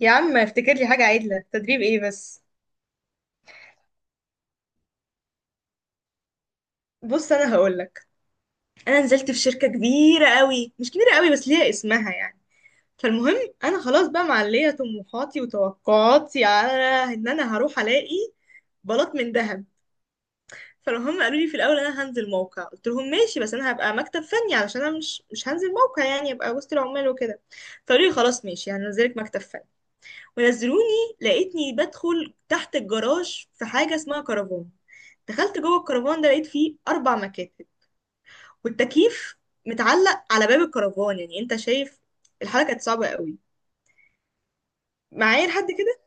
يا عم، افتكر لي حاجة عدلة، تدريب ايه بس؟ بص، انا هقولك. انا نزلت في شركة كبيرة قوي، مش كبيرة قوي بس ليها اسمها يعني. فالمهم، انا خلاص بقى معلية طموحاتي وتوقعاتي على ان انا هروح الاقي بلاط من ذهب. فهم قالوا لي في الاول انا هنزل موقع، قلت لهم ماشي، بس انا هبقى مكتب فني علشان انا مش هنزل موقع، يعني ابقى وسط العمال وكده. فقالوا لي خلاص ماشي، هنزلك مكتب فني. ونزلوني لقيتني بدخل تحت الجراج في حاجة اسمها كرفان. دخلت جوه الكرفان ده لقيت فيه أربع مكاتب، والتكييف متعلق على باب الكرفان، يعني أنت شايف الحالة كانت صعبة قوي. معايا لحد كده.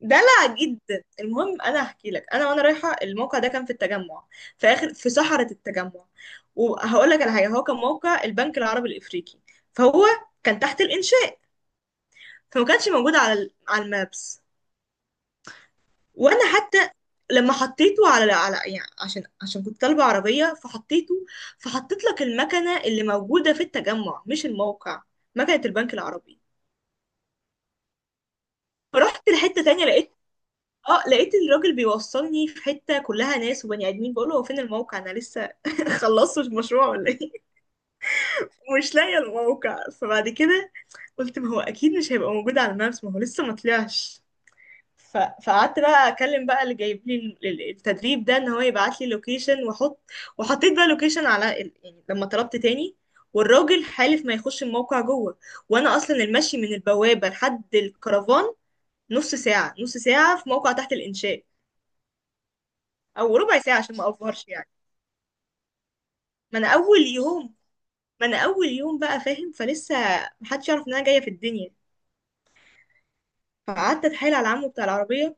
دلع جدا. المهم انا هحكي لك، انا وانا رايحه الموقع ده كان في التجمع، في اخر في صحراء التجمع. وهقول لك على حاجه، هو كان موقع البنك العربي الافريقي، فهو كان تحت الانشاء. فما كانش موجود على على المابس. وانا حتى لما حطيته على على يعني عشان كنت طالبة عربية، فحطيته، فحطيت لك المكنة اللي موجودة في التجمع مش الموقع، مكنة البنك العربي. فرحت لحتة تانية، لقيت الراجل بيوصلني في حتة كلها ناس وبني ادمين. بقول له هو فين الموقع، انا لسه خلصتش المشروع ولا ايه؟ ومش لاقية الموقع. فبعد كده قلت ما هو اكيد مش هيبقى موجود على المابس، ما هو لسه ما طلعش. ف- فقعدت بقى اكلم بقى اللي جايب لي التدريب ده ان هو يبعت لي لوكيشن واحط. وحطيت بقى لوكيشن على يعني لما طلبت تاني، والراجل حالف ما يخش الموقع جوه. وانا اصلا المشي من البوابه لحد الكرفان نص ساعه نص ساعه، في موقع تحت الانشاء. او ربع ساعه عشان ما افورش يعني. ما انا اول يوم ما انا اول يوم بقى فاهم، فلسه محدش يعرف ان انا جايه في الدنيا. فقعدت اتحايل على عمه بتاع العربيه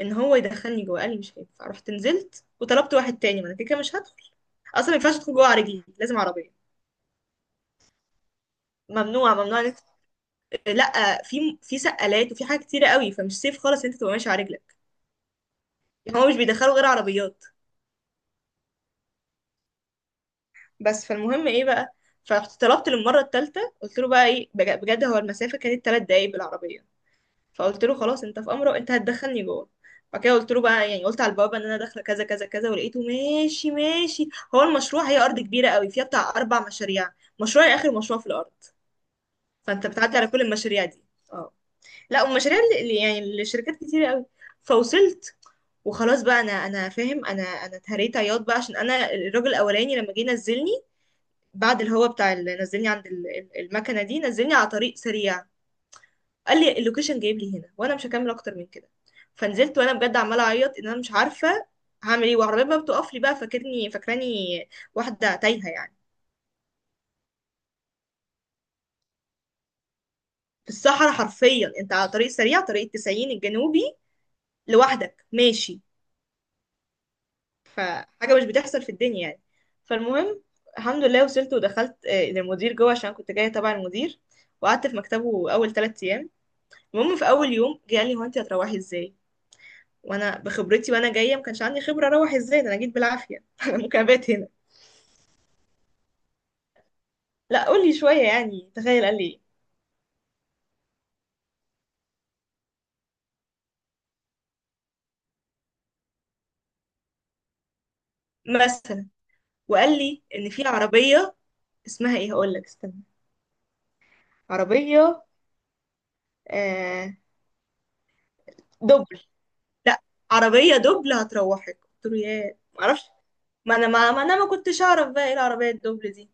ان هو يدخلني جوه. قال لي مش هينفع. رحت نزلت وطلبت واحد تاني، ما انا كده كده مش هدخل اصلا، ما ينفعش ادخل جوه على رجلي، لازم عربيه. ممنوع ممنوع لا، في سقالات وفي حاجات كتيره قوي، فمش سيف خالص إن انت تبقى ماشي على رجلك. يعني هو مش بيدخلوا غير عربيات. بس فالمهم ايه بقى. فطلبت للمره الثالثه، قلت له بقى ايه بجد، هو المسافه كانت ثلاث دقايق بالعربيه. فقلت له خلاص انت في امره، انت هتدخلني جوه. بعد كده قلت له بقى يعني قلت على البوابه ان انا داخله كذا كذا كذا، ولقيته ماشي ماشي. هو المشروع، هي ارض كبيره قوي فيها بتاع اربع مشاريع، مشروعي اخر مشروع في الارض. فانت بتعدي على كل المشاريع دي. اه. لا والمشاريع يعني الشركات كتير قوي. فوصلت، وخلاص بقى انا انا فاهم، انا اتهريت عياط بقى، عشان انا الراجل الاولاني لما جه نزلني، بعد الهوا بتاع اللي نزلني عند المكنه دي نزلني على طريق سريع. قال لي اللوكيشن جايب لي هنا، وانا مش هكمل اكتر من كده. فنزلت وانا بجد عماله اعيط ان انا مش عارفه هعمل ايه. وعربيه بقى بتقف لي بقى، فاكرني فاكراني واحده تايهه يعني. في الصحراء حرفيا، انت على طريق سريع، طريق التسعين الجنوبي، لوحدك ماشي. فحاجة مش بتحصل في الدنيا يعني. فالمهم، الحمد لله وصلت ودخلت للمدير جوه عشان كنت جاية تبع المدير. وقعدت في مكتبه أول ثلاث أيام. المهم في أول يوم جه قال لي هو أنت هتروحي إزاي؟ وأنا بخبرتي وأنا جاية، ما كانش عندي خبرة أروح إزاي، ده أنا جيت بالعافية. أنا ممكن أبات هنا. لا قولي شوية، يعني تخيل قال لي إيه. مثلا. وقال لي إن في عربية. اسمها إيه هقول لك، استنى. عربية. آه دبل. لا، عربية دبل هتروحك. قلت له ياه معرفش، ما انا ما كنتش اعرف بقى ايه العربية الدبل دي.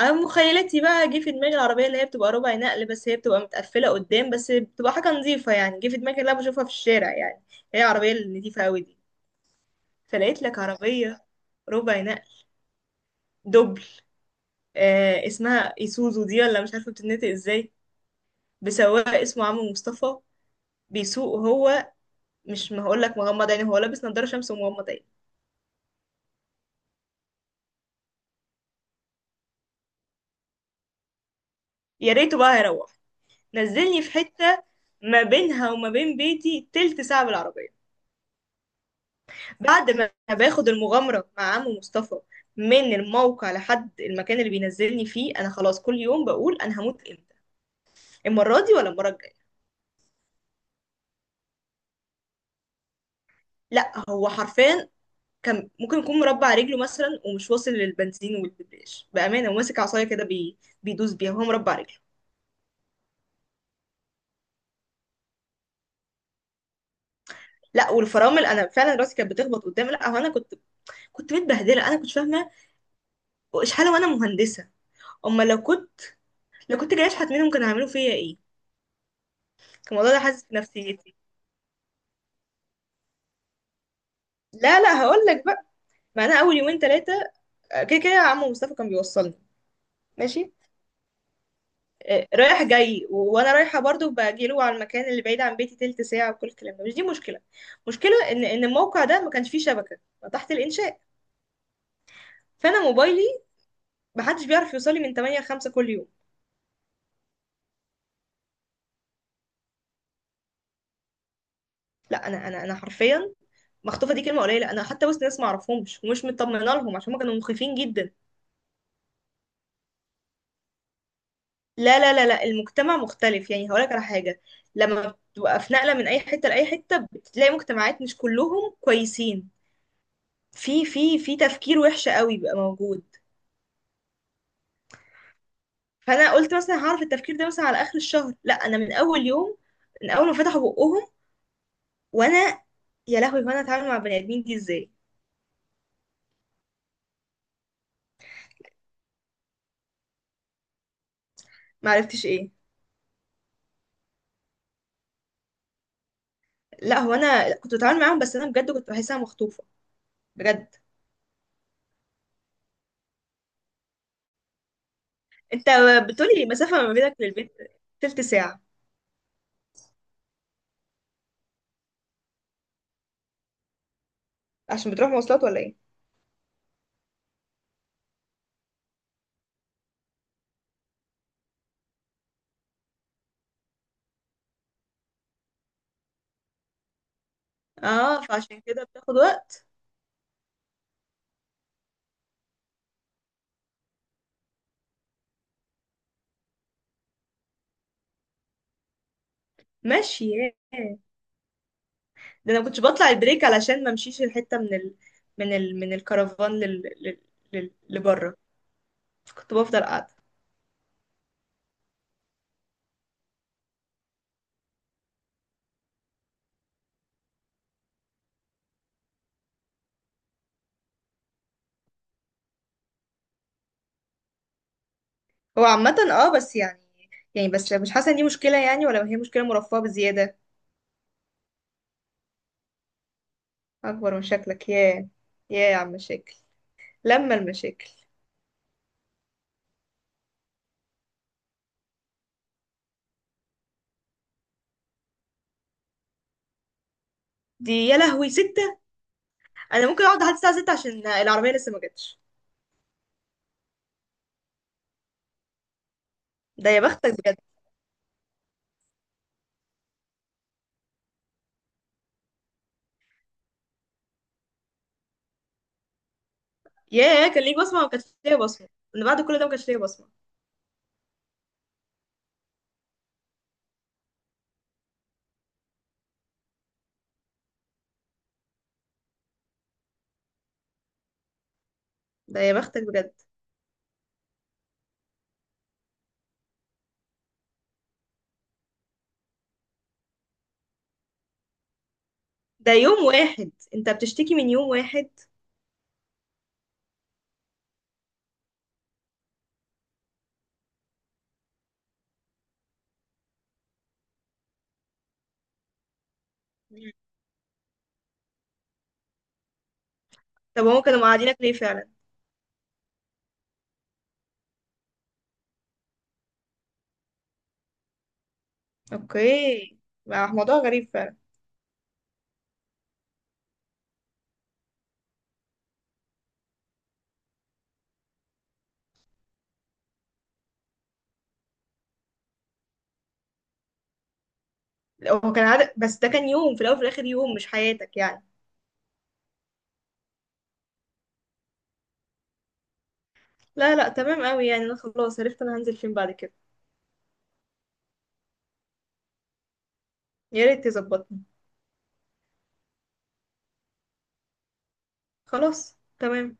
انا مخيلتي بقى جه في دماغي العربية اللي هي بتبقى ربع نقل، بس هي بتبقى متقفلة قدام، بس بتبقى حاجة نظيفة، يعني جه في دماغي اللي انا بشوفها في الشارع يعني، هي العربية النظيفة قوي دي. فلقيت لك عربية ربع نقل دبل، آه اسمها ايسوزو دي ولا مش عارفة بتتنطق ازاي، بسواق اسمه عمرو مصطفى. بيسوق هو مش ما هقول لك مغمض عينه، هو لابس نضاره شمس ومغمض عينه. يا ريته بقى هيروح. نزلني في حتة ما بينها وما بين بيتي تلت ساعة بالعربية. بعد ما باخد المغامرة مع عمو مصطفى من الموقع لحد المكان اللي بينزلني فيه، انا خلاص كل يوم بقول انا هموت امتى، المرة دي ولا المرة الجاية. لا هو حرفيا كان ممكن يكون مربع رجله مثلا ومش واصل للبنزين والدبريش، بأمانة، وماسك عصاية كده بيدوس بيها وهو مربع رجله. لا والفرامل، انا فعلا راسي كانت بتخبط قدامي. لا هو انا كنت متبهدله، انا كنت فاهمه اشحال وانا مهندسه، اما لو كنت جايه اشحت منهم كانوا هيعملوا فيا ايه. الموضوع ده حاسس بنفسيتي. لا، لا، هقول لك بقى. ما انا اول يومين ثلاثه كده كده عم مصطفى كان بيوصلني. ماشي. رايح جاي وانا رايحه برضو باجي له على المكان اللي بعيد عن بيتي تلت ساعه، وكل الكلام ده مش دي مشكله. مشكله ان الموقع ده ما كانش فيه شبكه، تحت الانشاء. فانا موبايلي ما حدش بيعرف يوصل لي من 8 ل 5 كل يوم. لا انا حرفيا مخطوفه، دي كلمه قليله. انا حتى وسط ناس ما اعرفهمش ومش مطمنه لهم، عشان هم كانوا مخيفين جدا. لا لا لا لا، المجتمع مختلف. يعني هقولك على حاجة، لما بتبقى في نقلة من أي حتة لأي حتة بتلاقي مجتمعات مش كلهم كويسين. في تفكير وحش قوي بيبقى موجود. فأنا قلت مثلا هعرف التفكير ده مثلا على آخر الشهر، لا أنا من أول يوم، من أول ما فتحوا بقهم. وأنا يا لهوي، وأنا أتعامل مع بني آدمين دي إزاي. معرفتش إيه. لا هو أنا كنت بتعامل معاهم، بس أنا بجد كنت بحسها مخطوفة بجد. أنت بتقولي المسافة ما بينك للبيت تلت ساعة. عشان بتروح مواصلات ولا إيه؟ اه، فعشان كده بتاخد وقت. ماشي ياه. ده انا كنتش بطلع البريك علشان ما امشيش الحته من الكرفان لبره، فكنت بفضل قاعده. هو عامه بس يعني بس مش حاسه ان دي مشكله، يعني ولا هي مشكله مرفهه بزياده. اكبر مشاكلك، ياه ياه يا عم مشاكل، لما المشاكل دي. يا لهوي، ستة. انا ممكن اقعد لحد الساعه 6 عشان العربيه لسه ما جاتش. ده يا بختك بجد. ياه، كان ليك بصمه، ما كانش ليا بصمه، من بعد كل ده ما كانش ليا بصمه. ده يا بختك بجد. ده يوم واحد، انت بتشتكي من يوم واحد. مم. طب هما كانوا مقعدينك ليه فعلا؟ اوكي، ما هو موضوع غريب فعلا. لو هو كان عدد بس، ده كان يوم في الاول وفي الاخر، يوم مش حياتك يعني. لا، لا، تمام قوي. يعني انا خلاص عرفت انا هنزل فين بعد كده. يا ريت تظبطني. خلاص تمام.